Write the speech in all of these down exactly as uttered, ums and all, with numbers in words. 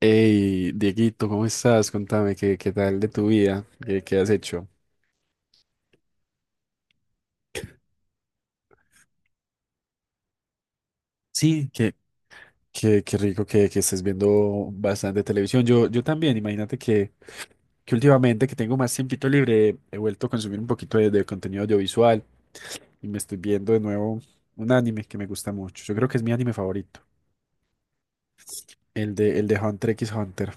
Hey, Dieguito, ¿cómo estás? Contame, ¿qué, qué tal de tu vida? ¿Qué, qué has hecho? Sí, Qué, qué, qué rico que, que estés viendo bastante televisión. Yo, yo también, imagínate que, que últimamente que tengo más tiempito libre, he vuelto a consumir un poquito de, de contenido audiovisual y me estoy viendo de nuevo un anime que me gusta mucho. Yo creo que es mi anime favorito, el de, el de Hunter x Hunter.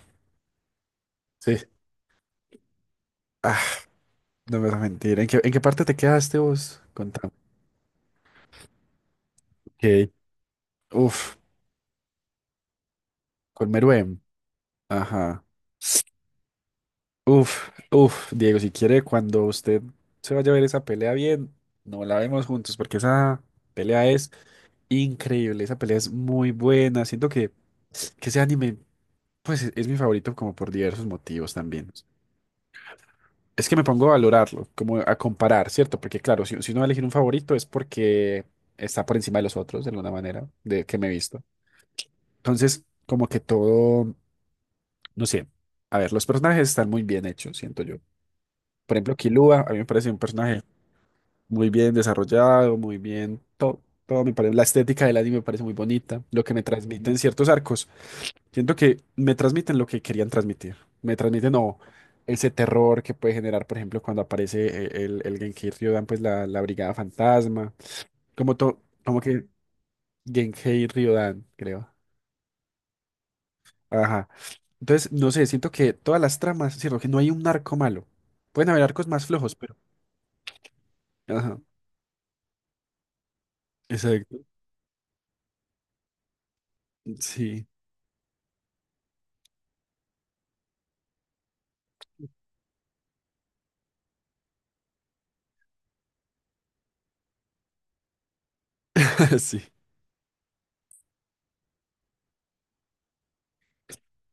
Sí. Ah, no me vas a mentir. ¿En qué, en qué parte te quedaste vos? Contame. Ok. Uf, con Meruem. Ajá. Uf, uf, Diego, si quiere, cuando usted se vaya a ver esa pelea bien, no la vemos juntos, porque esa pelea es increíble, esa pelea es muy buena. Siento que, que ese anime, pues es, es mi favorito como por diversos motivos también. Es que me pongo a valorarlo, como a comparar, ¿cierto? Porque claro, si, si uno va a elegir un favorito es porque está por encima de los otros, de alguna manera, de que me he visto. Entonces, como que todo, no sé, a ver, los personajes están muy bien hechos, siento yo. Por ejemplo, Killua, a mí me parece un personaje muy bien desarrollado, muy bien, todo, todo me parece, la estética del anime me parece muy bonita, lo que me transmiten ciertos arcos, siento que me transmiten lo que querían transmitir, me transmiten o ese terror que puede generar, por ejemplo, cuando aparece eh, el, el Genkai Ryodan, pues la, la Brigada Fantasma, como to- como que Genkai Ryodan, creo. Ajá. Entonces, no sé, siento que todas las tramas, sino que no hay un arco malo. Pueden haber arcos más flojos, pero... Ajá. Exacto. Sí. Sí,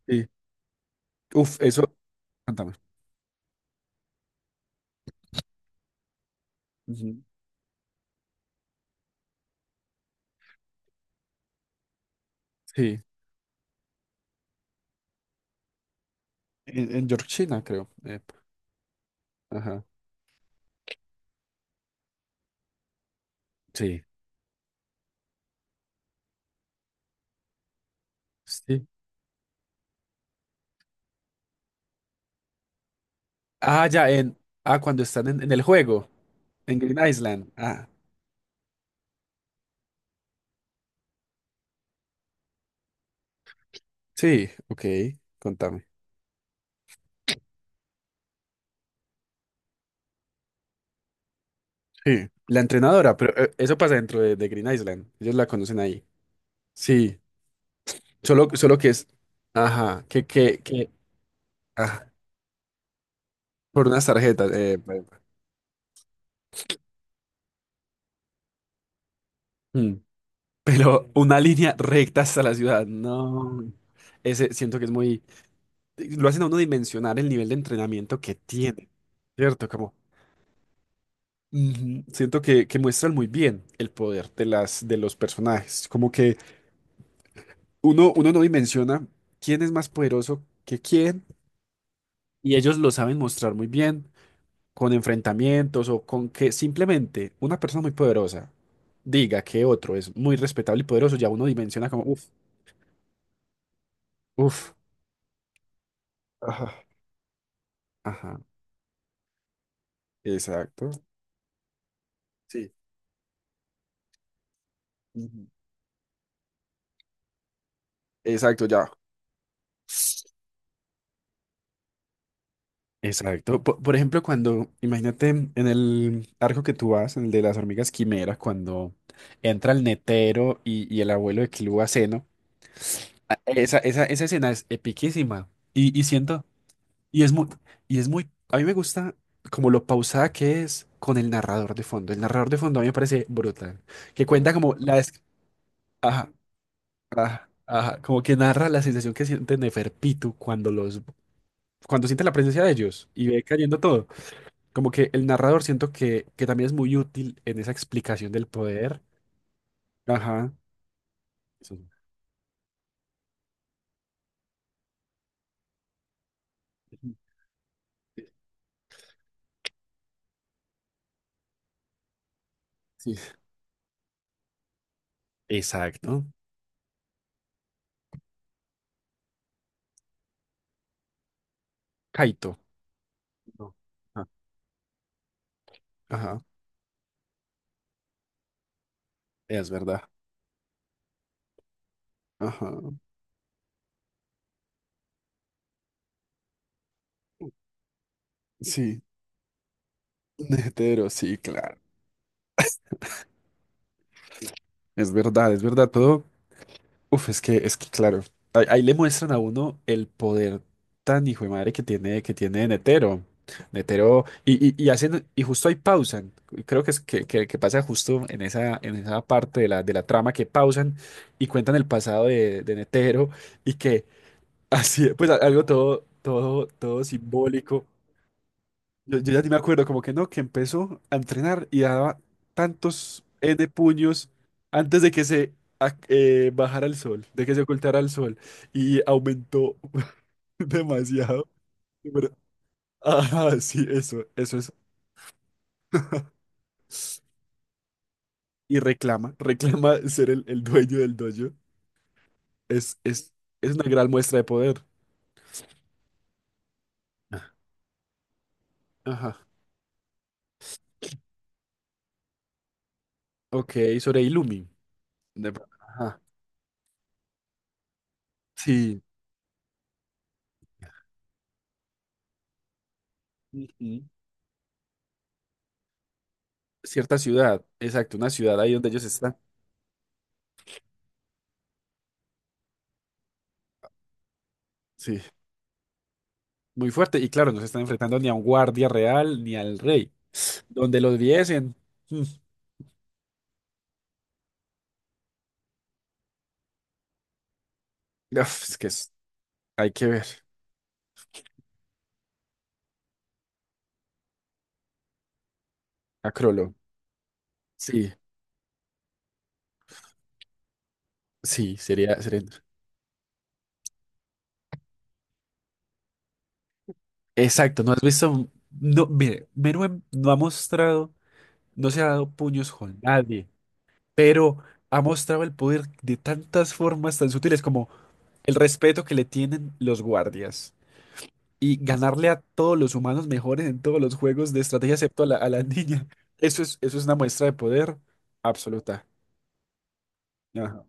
sí. Uf, eso. Cuéntame. Ujú. Sí, en, en Georgina, creo. Eh, ajá. Sí, sí. Ah, ya, en. Ah, cuando están en, en el juego, en Green Island. Ah, sí, ok, contame. Sí, la entrenadora, pero eh, eso pasa dentro de, de Green Island. Ellos la conocen ahí. Sí, solo, solo que es. Ajá, que, que, que. Ah, por unas tarjetas. eh, pe- mm, pero una línea recta hasta la ciudad. No. Ese siento que es muy. Lo hacen a uno dimensionar el nivel de entrenamiento que tiene, ¿cierto? Como ujú, siento que, que muestran muy bien el poder de las, de los personajes, como que uno, uno no dimensiona quién es más poderoso que quién y ellos lo saben mostrar muy bien con enfrentamientos o con que simplemente una persona muy poderosa diga que otro es muy respetable y poderoso, ya uno dimensiona como, uff, uff, ajá, ajá, exacto. Sí. Ujú, exacto, ya. Exacto. Po- Por ejemplo, cuando, imagínate en el arco que tú vas, en el de las hormigas quimeras, cuando entra el Netero y, y el abuelo de Clú a seno, a- esa, esa, esa escena es epiquísima. Y, y siento, y es muy, y es muy, a mí me gusta como lo pausada que es con el narrador de fondo. El narrador de fondo a mí me parece brutal, que cuenta como la, des- ajá, ajá, ajá, como que narra la sensación que siente Neferpitu cuando los, cuando siente la presencia de ellos y ve cayendo todo. Como que el narrador siento que, que también es muy útil en esa explicación del poder. Ajá. Eso. Sí. Exacto. Kaito. No. Ah, ajá. Es verdad. Ajá. Sí. Netero, sí, claro. Es verdad, es verdad. Todo. Uf, es que, es que claro, ahí, ahí le muestran a uno el poder tan hijo de madre que tiene, que tiene Netero. Netero, y, y, y hacen, y justo ahí pausan. Creo que es que, que, que pasa justo en esa, en esa parte de la, de la trama que pausan y cuentan el pasado de, de Netero y que así, pues a- algo todo, todo, todo simbólico. Yo, yo ya ni me acuerdo, como que no, que empezó a entrenar y daba tantos ene puños antes de que se ac- eh, bajara el sol, de que se ocultara el sol. Y aumentó demasiado. Pero, ajá, sí, eso, eso es. Y reclama, reclama ser el, el dueño del dojo. Es, es, es una gran muestra de poder. Ajá. Ok, sobre Illumi. De- Ajá. Sí. Ujú. Cierta ciudad, exacto, una ciudad ahí donde ellos están. Sí, muy fuerte. Y claro, no se están enfrentando ni a un guardia real ni al rey. Donde los viesen. mm, Uf, es que es- hay que ver. A Crollo. Sí, sí, sería, sería. Exacto, no has visto. No, mire, Meruem no ha mostrado, no se ha dado puños con nadie, pero ha mostrado el poder de tantas formas tan sutiles como el respeto que le tienen los guardias. Y ganarle a todos los humanos mejores en todos los juegos de estrategia, excepto a la, a la niña. Eso es, eso es una muestra de poder absoluta. Ajá.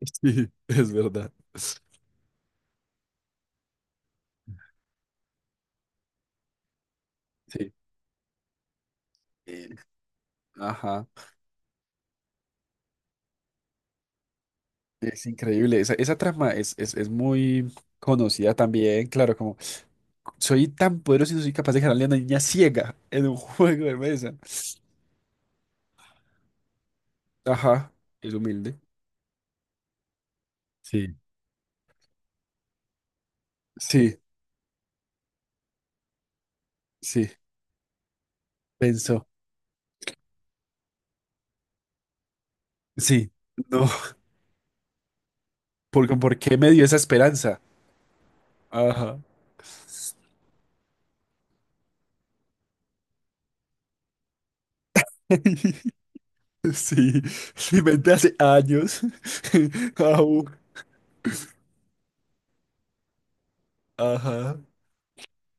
Sí, es verdad. Sí. Eh, ajá. Es increíble. Esa, esa trama es, es, es muy conocida también. Claro, como soy tan poderoso y no soy capaz de ganarle a una niña ciega en un juego de mesa. Ajá. Es humilde. Sí. Sí, sí. Pensó. Sí. No. ¿Por, por qué me dio esa esperanza? Ajá. Sí, lo inventé hace años. Au, ajá.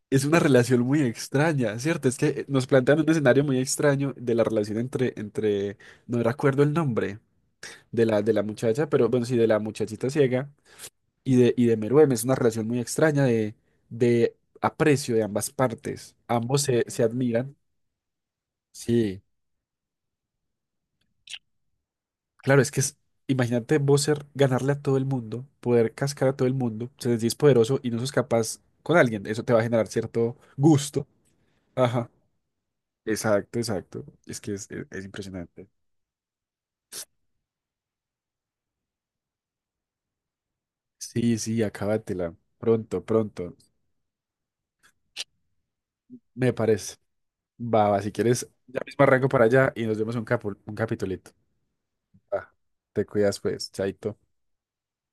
Es una relación muy extraña, ¿cierto? Es que nos plantean un escenario muy extraño de la relación entre, entre, no recuerdo el nombre de la, de la muchacha, pero bueno, sí, de la muchachita ciega y de, y de Meruem. Es una relación muy extraña de, de aprecio de ambas partes. Ambos se, se admiran. Sí. Claro, es que es, imagínate vos ser, ganarle a todo el mundo, poder cascar a todo el mundo, se les dice poderoso y no sos capaz con alguien. Eso te va a generar cierto gusto. Ajá. Exacto, exacto. Es que es, es- es impresionante. Sí, sí, acábatela. Pronto, pronto. Me parece. Va, va, si quieres, ya mismo arranco para allá y nos vemos un capo, un capitulito. Va, te cuidas pues, chaito.